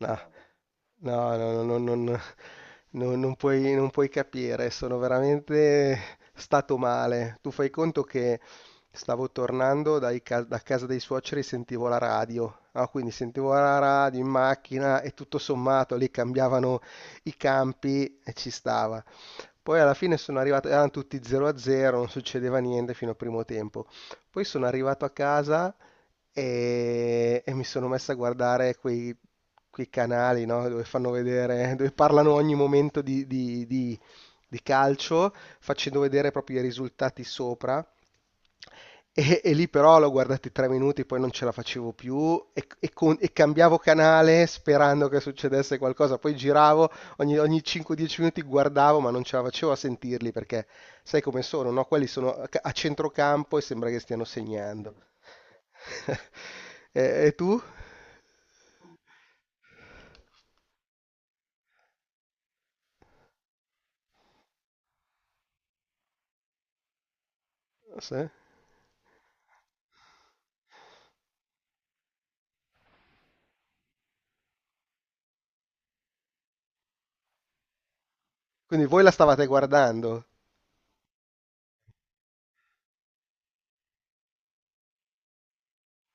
No, no, no, no, no, non puoi capire, sono veramente stato male. Tu fai conto che stavo tornando da casa dei suoceri e sentivo la radio. Ah, quindi sentivo la radio in macchina e tutto sommato lì cambiavano i campi e ci stava. Poi alla fine sono arrivato, erano tutti 0-0, non succedeva niente fino al primo tempo. Poi sono arrivato a casa e mi sono messo a guardare quei canali, no, dove fanno vedere, dove parlano ogni momento di calcio, facendo vedere proprio i risultati sopra. E lì però l'ho guardati 3 minuti, poi non ce la facevo più e cambiavo canale sperando che succedesse qualcosa. Poi giravo, ogni 5-10 minuti guardavo, ma non ce la facevo a sentirli perché sai come sono, no? Quelli sono a centrocampo e sembra che stiano segnando. E tu? Sì. Quindi voi la stavate guardando?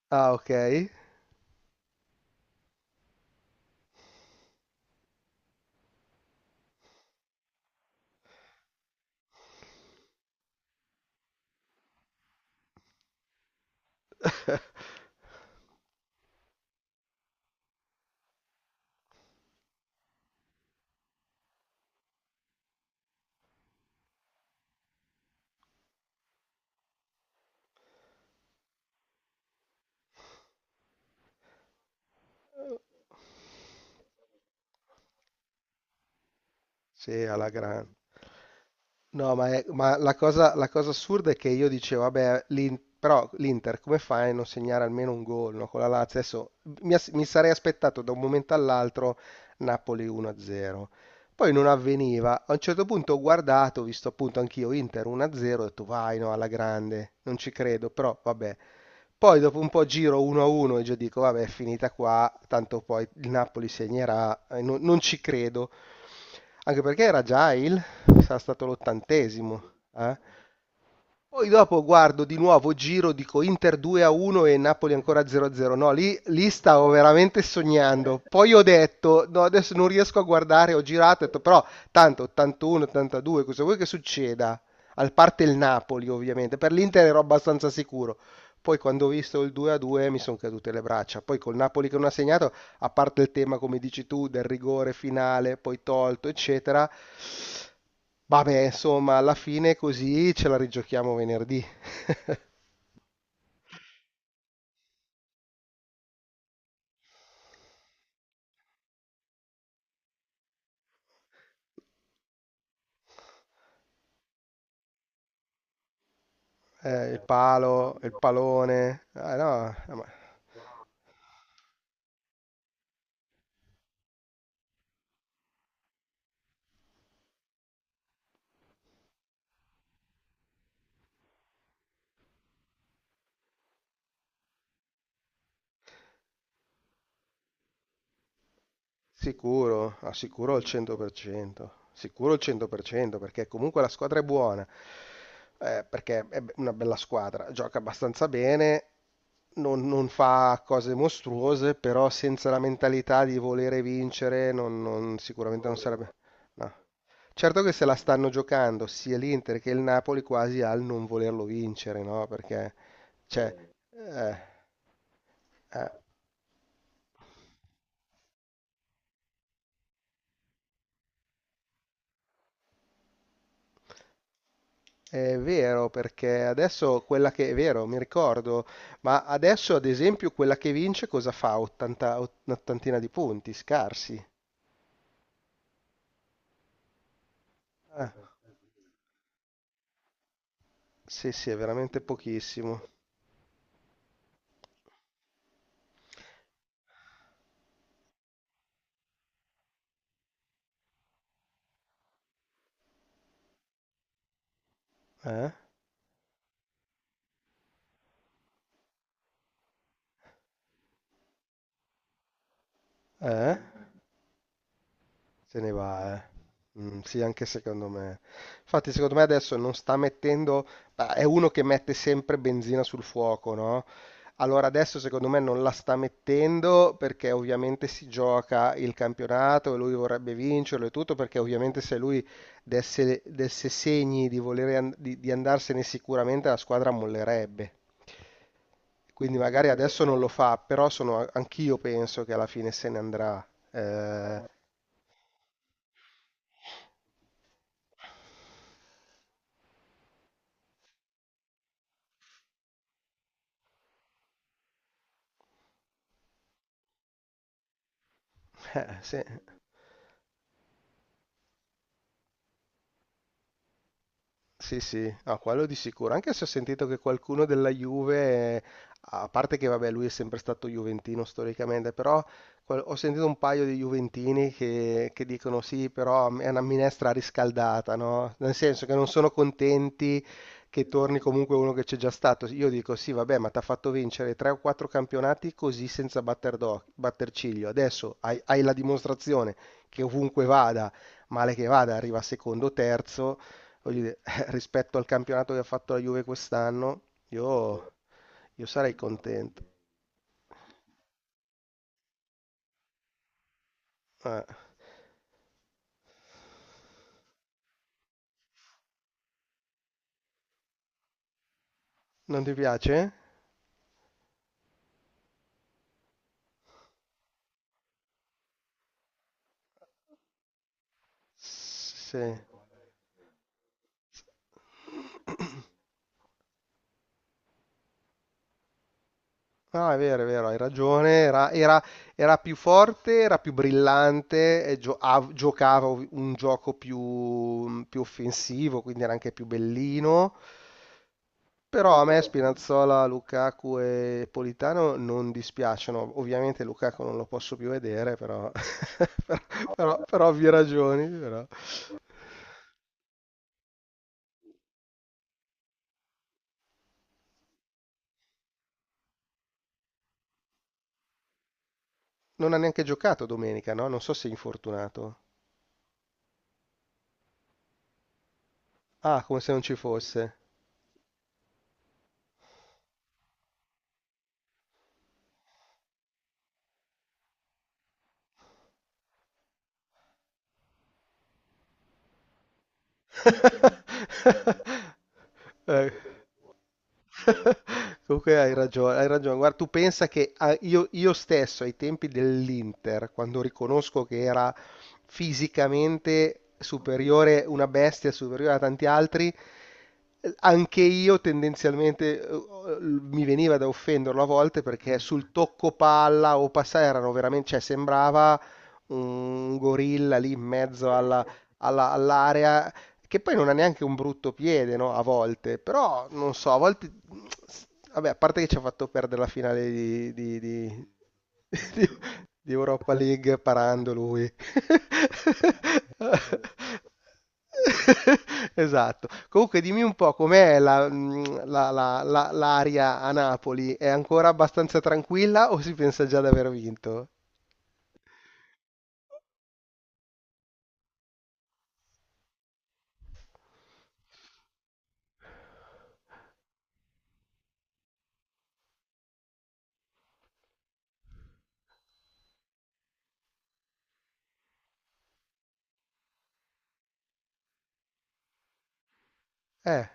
Ah, ok. Sì, alla grande. No, ma, ma la cosa assurda è che io dicevo, vabbè, però l'Inter come fai a non segnare almeno un gol, no, con la Lazio adesso mi sarei aspettato da un momento all'altro Napoli 1-0. Poi non avveniva. A un certo punto ho guardato, ho visto appunto anch'io Inter 1-0, ho detto vai, no, alla grande, non ci credo, però vabbè. Poi dopo un po' giro 1-1 e già dico, vabbè, è finita qua, tanto poi il Napoli segnerà, non ci credo. Anche perché era già sarà stato l'80º, eh? Poi dopo guardo di nuovo, giro, dico Inter 2-1 e Napoli ancora 0-0. No, lì stavo veramente sognando. Poi ho detto, no, adesso non riesco a guardare, ho girato, ho detto, però tanto 81, 82, cosa vuoi che succeda? Al parte il Napoli, ovviamente. Per l'Inter ero abbastanza sicuro. Poi quando ho visto il 2-2 mi sono cadute le braccia. Poi col Napoli che non ha segnato, a parte il tema, come dici tu, del rigore finale, poi tolto, eccetera. Vabbè, insomma, alla fine così ce la rigiochiamo venerdì. Il palo, il palone. Ah, no, ma sicuro, ah, sicuro al 100%, sicuro al 100% perché comunque la squadra è buona, perché è una bella squadra, gioca abbastanza bene, non fa cose mostruose, però senza la mentalità di volere vincere sicuramente non sarebbe. No. Certo che se la stanno giocando sia l'Inter che il Napoli quasi al non volerlo vincere, no? Perché, cioè, eh, eh. È vero, perché adesso quella che è vero, mi ricordo, ma adesso ad esempio quella che vince cosa fa? 80, un'ottantina di punti, scarsi. Eh, sì, sì, è veramente pochissimo. Eh? Eh? Se ne va, eh. Mm, sì, anche secondo me. Infatti, secondo me adesso non sta mettendo. Bah, è uno che mette sempre benzina sul fuoco, no? Allora adesso secondo me non la sta mettendo perché ovviamente si gioca il campionato e lui vorrebbe vincerlo e tutto perché ovviamente se lui desse segni di, volere an- di andarsene sicuramente la squadra mollerebbe. Quindi magari adesso non lo fa, però sono, anch'io penso che alla fine se ne andrà. Eh, se- Sì, sì, no, quello di sicuro. Anche se ho sentito che qualcuno della Juve, a parte che vabbè, lui è sempre stato juventino storicamente, però ho sentito un paio di juventini che dicono sì, però è una minestra riscaldata, no? Nel senso che non sono contenti che torni comunque uno che c'è già stato. Io dico sì, vabbè, ma ti ha fatto vincere tre o quattro campionati così senza batter ciglio. Adesso hai la dimostrazione che ovunque vada, male che vada, arriva secondo o terzo voglio dire, rispetto al campionato che ha fatto la Juve quest'anno, io, io sarei contento. Eh, non ti piace? Sì. No, è vero, hai ragione. Era più forte, era più brillante, e giocava un gioco più offensivo, quindi era anche più bellino. Però a me Spinazzola, Lukaku e Politano non dispiacciono. Ovviamente Lukaku non lo posso più vedere, però, però, però, per ovvie ragioni. Però. Non ha neanche giocato domenica, no? Non so se è infortunato. Ah, come se non ci fosse. Eh, comunque hai ragione, hai ragione. Guarda, tu pensa che io stesso ai tempi dell'Inter, quando riconosco che era fisicamente superiore, una bestia superiore a tanti altri, anche io tendenzialmente mi veniva da offenderlo a volte perché sul tocco palla o passare erano veramente, cioè sembrava un gorilla lì in mezzo all'area che poi non ha neanche un brutto piede, no? A volte, però non so, a volte, vabbè, a parte che ci ha fatto perdere la finale di- di Europa League parando lui. Esatto. Comunque, dimmi un po' com'è l'aria a Napoli? È ancora abbastanza tranquilla o si pensa già di aver vinto? Eh.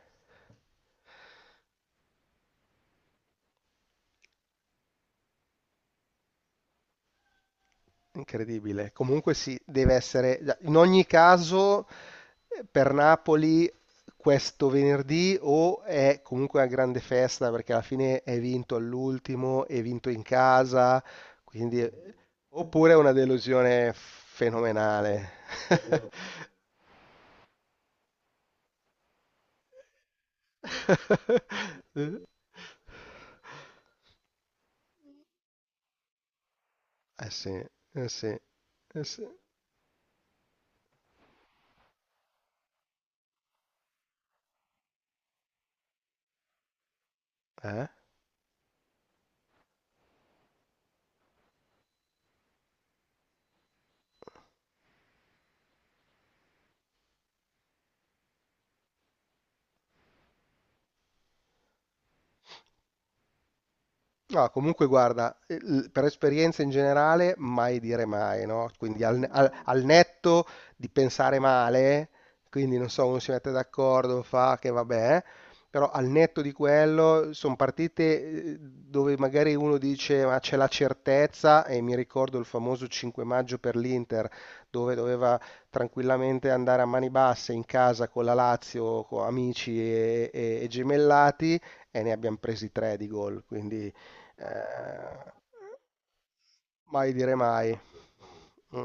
Incredibile. Comunque sì, deve essere. In ogni caso, per Napoli questo venerdì o è comunque una grande festa perché alla fine è vinto all'ultimo, è vinto in casa, quindi. Oppure è una delusione fenomenale. Eh sì, eh sì, eh sì. Eh? No, comunque guarda, per esperienza in generale, mai dire mai, no? Quindi al netto di pensare male, quindi non so, uno si mette d'accordo, fa che vabbè, però al netto di quello sono partite, dove magari uno dice ma c'è la certezza e mi ricordo il famoso 5 maggio per l'Inter dove doveva tranquillamente andare a mani basse in casa con la Lazio, con amici e gemellati e ne abbiamo presi tre di gol, quindi. Eh, mai dire mai. Mm.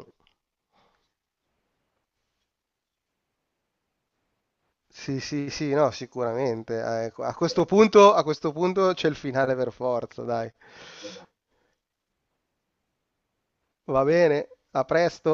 Sì, sì, sì, no, sicuramente. A questo punto c'è il finale per forza, dai. Va bene, a presto.